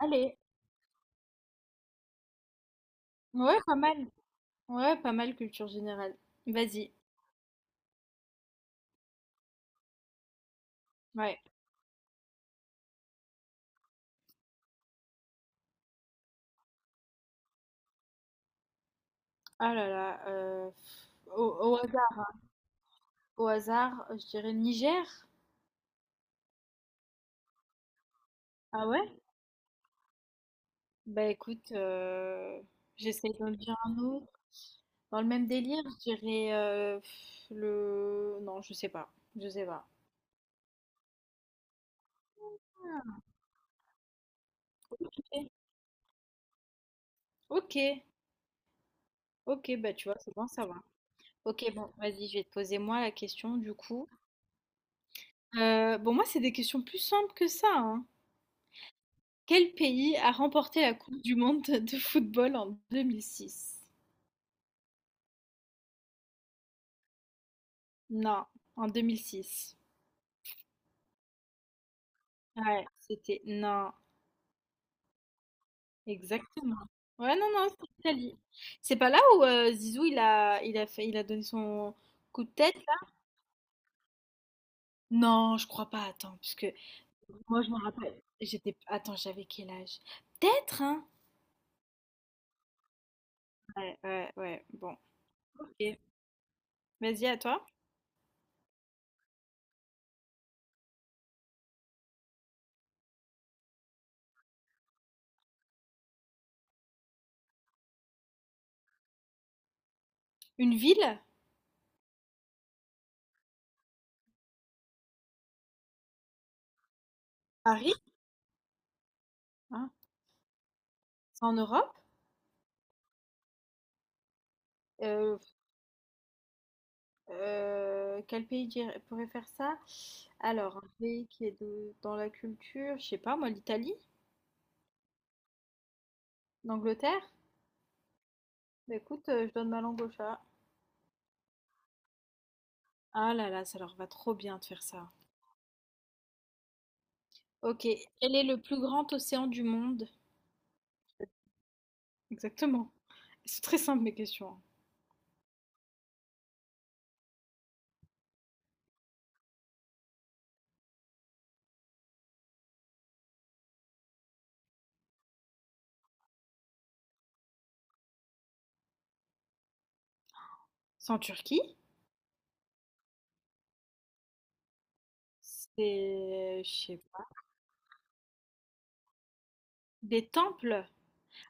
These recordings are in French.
Allez, ouais, pas mal. Ouais, pas mal culture générale. Vas-y. Ouais. Ah là là. Au, au hasard, au hasard, je dirais le Niger. Ah ouais? Bah écoute, j'essaie d'en dire un autre. Dans le même délire, je dirais pff, le. Non, je sais pas. Je sais pas. Ok, ok, bah tu vois, c'est bon, ça va. Ok, bon, vas-y, je vais te poser moi la question du coup. Bon, moi, c'est des questions plus simples que ça, hein. Quel pays a remporté la Coupe du monde de football en 2006? Non, en 2006. Ouais, c'était non, exactement. Ouais, non, non, c'est l'Italie. C'est pas là où Zizou il a donné son coup de tête là? Non, je crois pas. Attends, parce que moi je me rappelle. Attends, j'avais quel âge? Peut-être, hein? Ouais, ouais, ouais. Bon. Ok. Vas-y, à toi. Une ville? Paris? Hein? C'est en Europe? Pourrait faire ça? Alors, un pays qui est de- dans la culture, je sais pas, moi, l'Italie? L'Angleterre? Bah écoute, je donne ma langue au chat. Ah là là, ça leur va trop bien de faire ça. Ok, quel est le plus grand océan du monde? Exactement. C'est très simple mes questions, hein. C'est en Turquie? C'est, je sais pas. Des temples?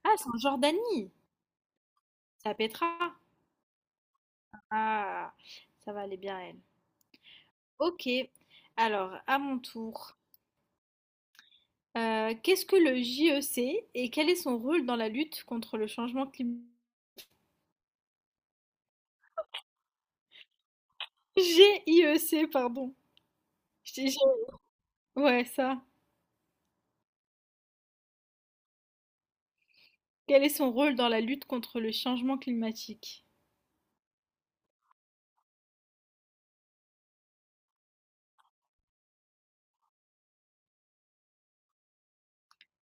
Ah, c'est en Jordanie. C'est à Petra. Ah, ça va aller bien elle. Ok, alors à mon tour. Qu'est-ce que le JEC et quel est son rôle dans la lutte contre le changement climatique? GIEC, pardon. Je t'ai- je- Ouais, ça. Quel est son rôle dans la lutte contre le changement climatique?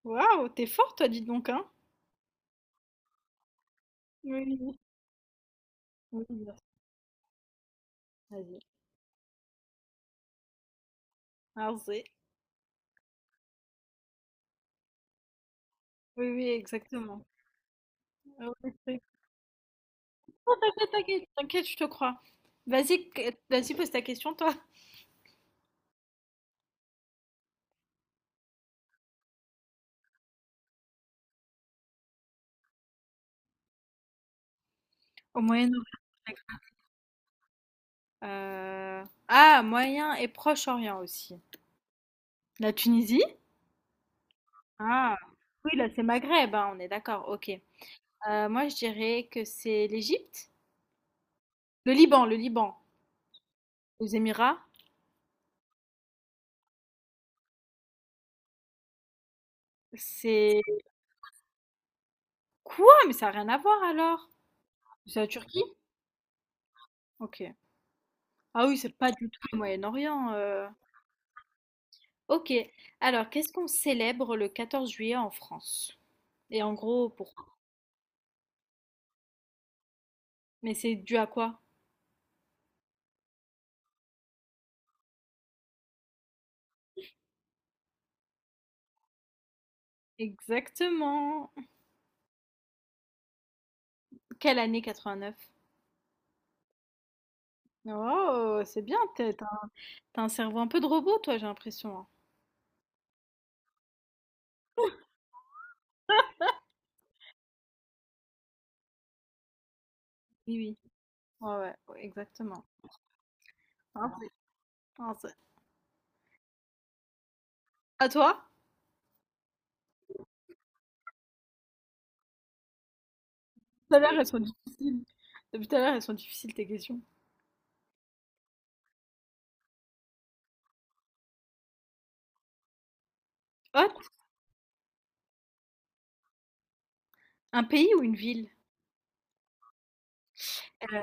Waouh, t'es fort, toi, dis donc, hein? Oui, oui, oui, bien sûr, vas-y. Vas-y. Oui, oui, exactement. Ah ouais, c'est- Ah, t'inquiète, t'inquiète, je te crois. Vas-y, pose ta question, toi. Au Moyen-Orient. Ah, Moyen et Proche-Orient aussi. La Tunisie? Ah, oui, là, c'est Maghreb, hein, on est d'accord, ok. Moi, je dirais que c'est l'Égypte, le Liban, les Émirats. C'est quoi? Mais ça n'a rien à voir alors. C'est la Turquie? Ok. Ah oui, c'est pas du tout le Moyen-Orient, euh. Ok. Alors, qu'est-ce qu'on célèbre le 14 juillet en France? Et en gros, pourquoi? Mais c'est dû à quoi? Exactement. Quelle année 89? Oh, c'est bien, t'as un cerveau un peu de robot, toi, j'ai l'impression, hein. Oui, oui. Ouais, ouais, ouais, exactement. Ah, c'est- ah, c'est- à toi? Tout à l'heure, elles sont difficiles. Depuis tout à l'heure, elles sont difficiles tes questions. Hot, un pays ou une ville? Euh,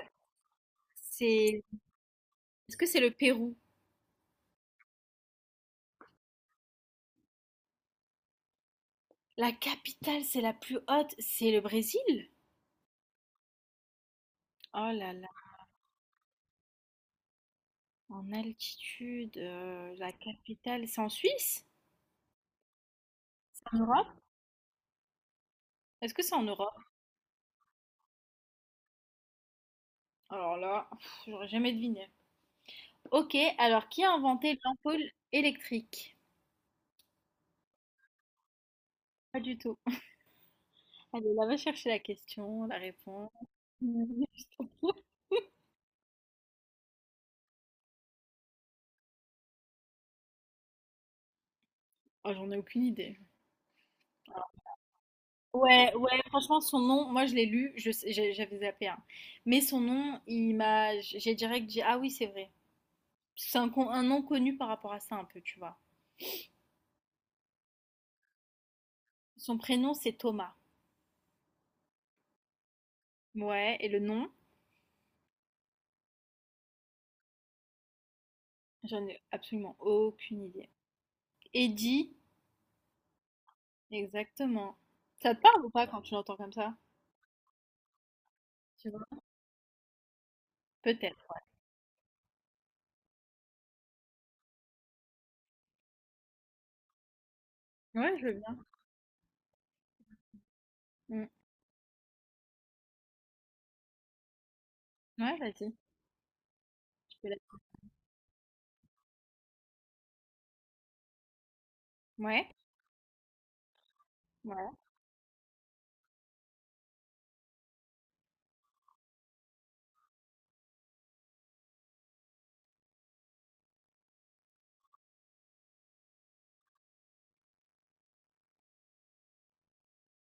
C'est... Est-ce que c'est le Pérou? La capitale, c'est la plus haute, c'est le Brésil? Oh là là, en altitude, la capitale, c'est en Suisse? En Europe? Est-ce que c'est en Europe? Alors là, pff, j'aurais jamais deviné. Ok, alors qui a inventé l'ampoule électrique? Pas du tout. Allez, là, va chercher la question, la réponse. Ah, j'en ai aucune idée. Ouais, ouais, franchement, son nom, moi je l'ai lu, je sais- j'ai- j'avais zappé un. Mais son nom, j'ai direct dit, ah oui, c'est vrai. Un nom connu par rapport à ça un peu, tu vois. Son prénom, c'est Thomas. Ouais, et le nom, j'en ai absolument aucune idée. Eddie, exactement. Ça te parle ou pas quand tu l'entends comme ça? Tu vois? Peut-être. Ouais, je veux bien. Mm. Ouais, vas-y, je te laisse. Ouais, voilà.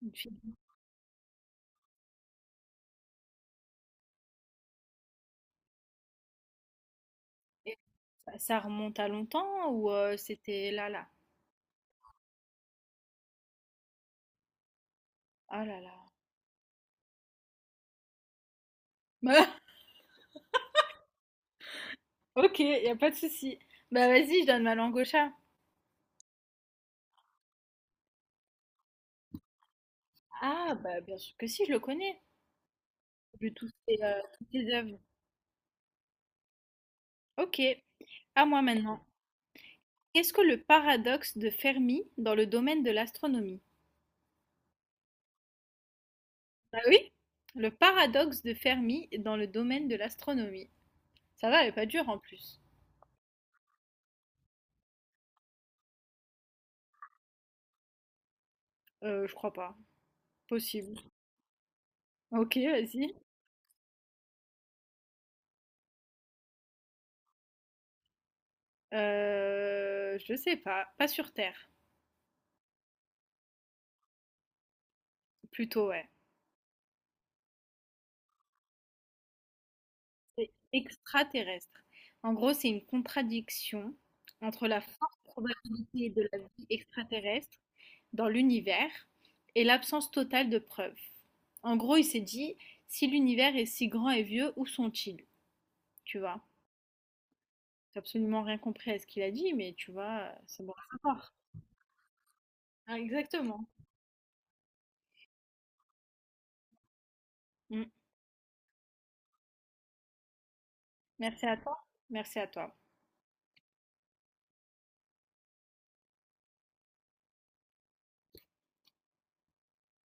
Une fille. Et ça remonte à longtemps ou c'était là, là? Ah là là. Ok, y a pas de souci. Bah vas-y, je donne ma langue au chat. Ah bah bien sûr que si, je le connais. Vu tous ses, toutes ses œuvres. Ok, à moi maintenant. Qu'est-ce que le paradoxe de Fermi dans le domaine de l'astronomie? Bah oui, le paradoxe de Fermi dans le domaine de l'astronomie. Ça va, elle est pas dure en plus. Je crois pas. Possible. Ok, vas-y. Je sais pas. Pas sur Terre. Plutôt, ouais. Extraterrestre. En gros, c'est une contradiction entre la forte probabilité de la vie extraterrestre dans l'univers et l'absence totale de preuves. En gros, il s'est dit, si l'univers est si grand et vieux, où sont-ils? Tu vois? J'ai absolument rien compris à ce qu'il a dit, mais tu vois, c'est bon à savoir. Ah, exactement. Mm. Merci à toi. Merci à toi.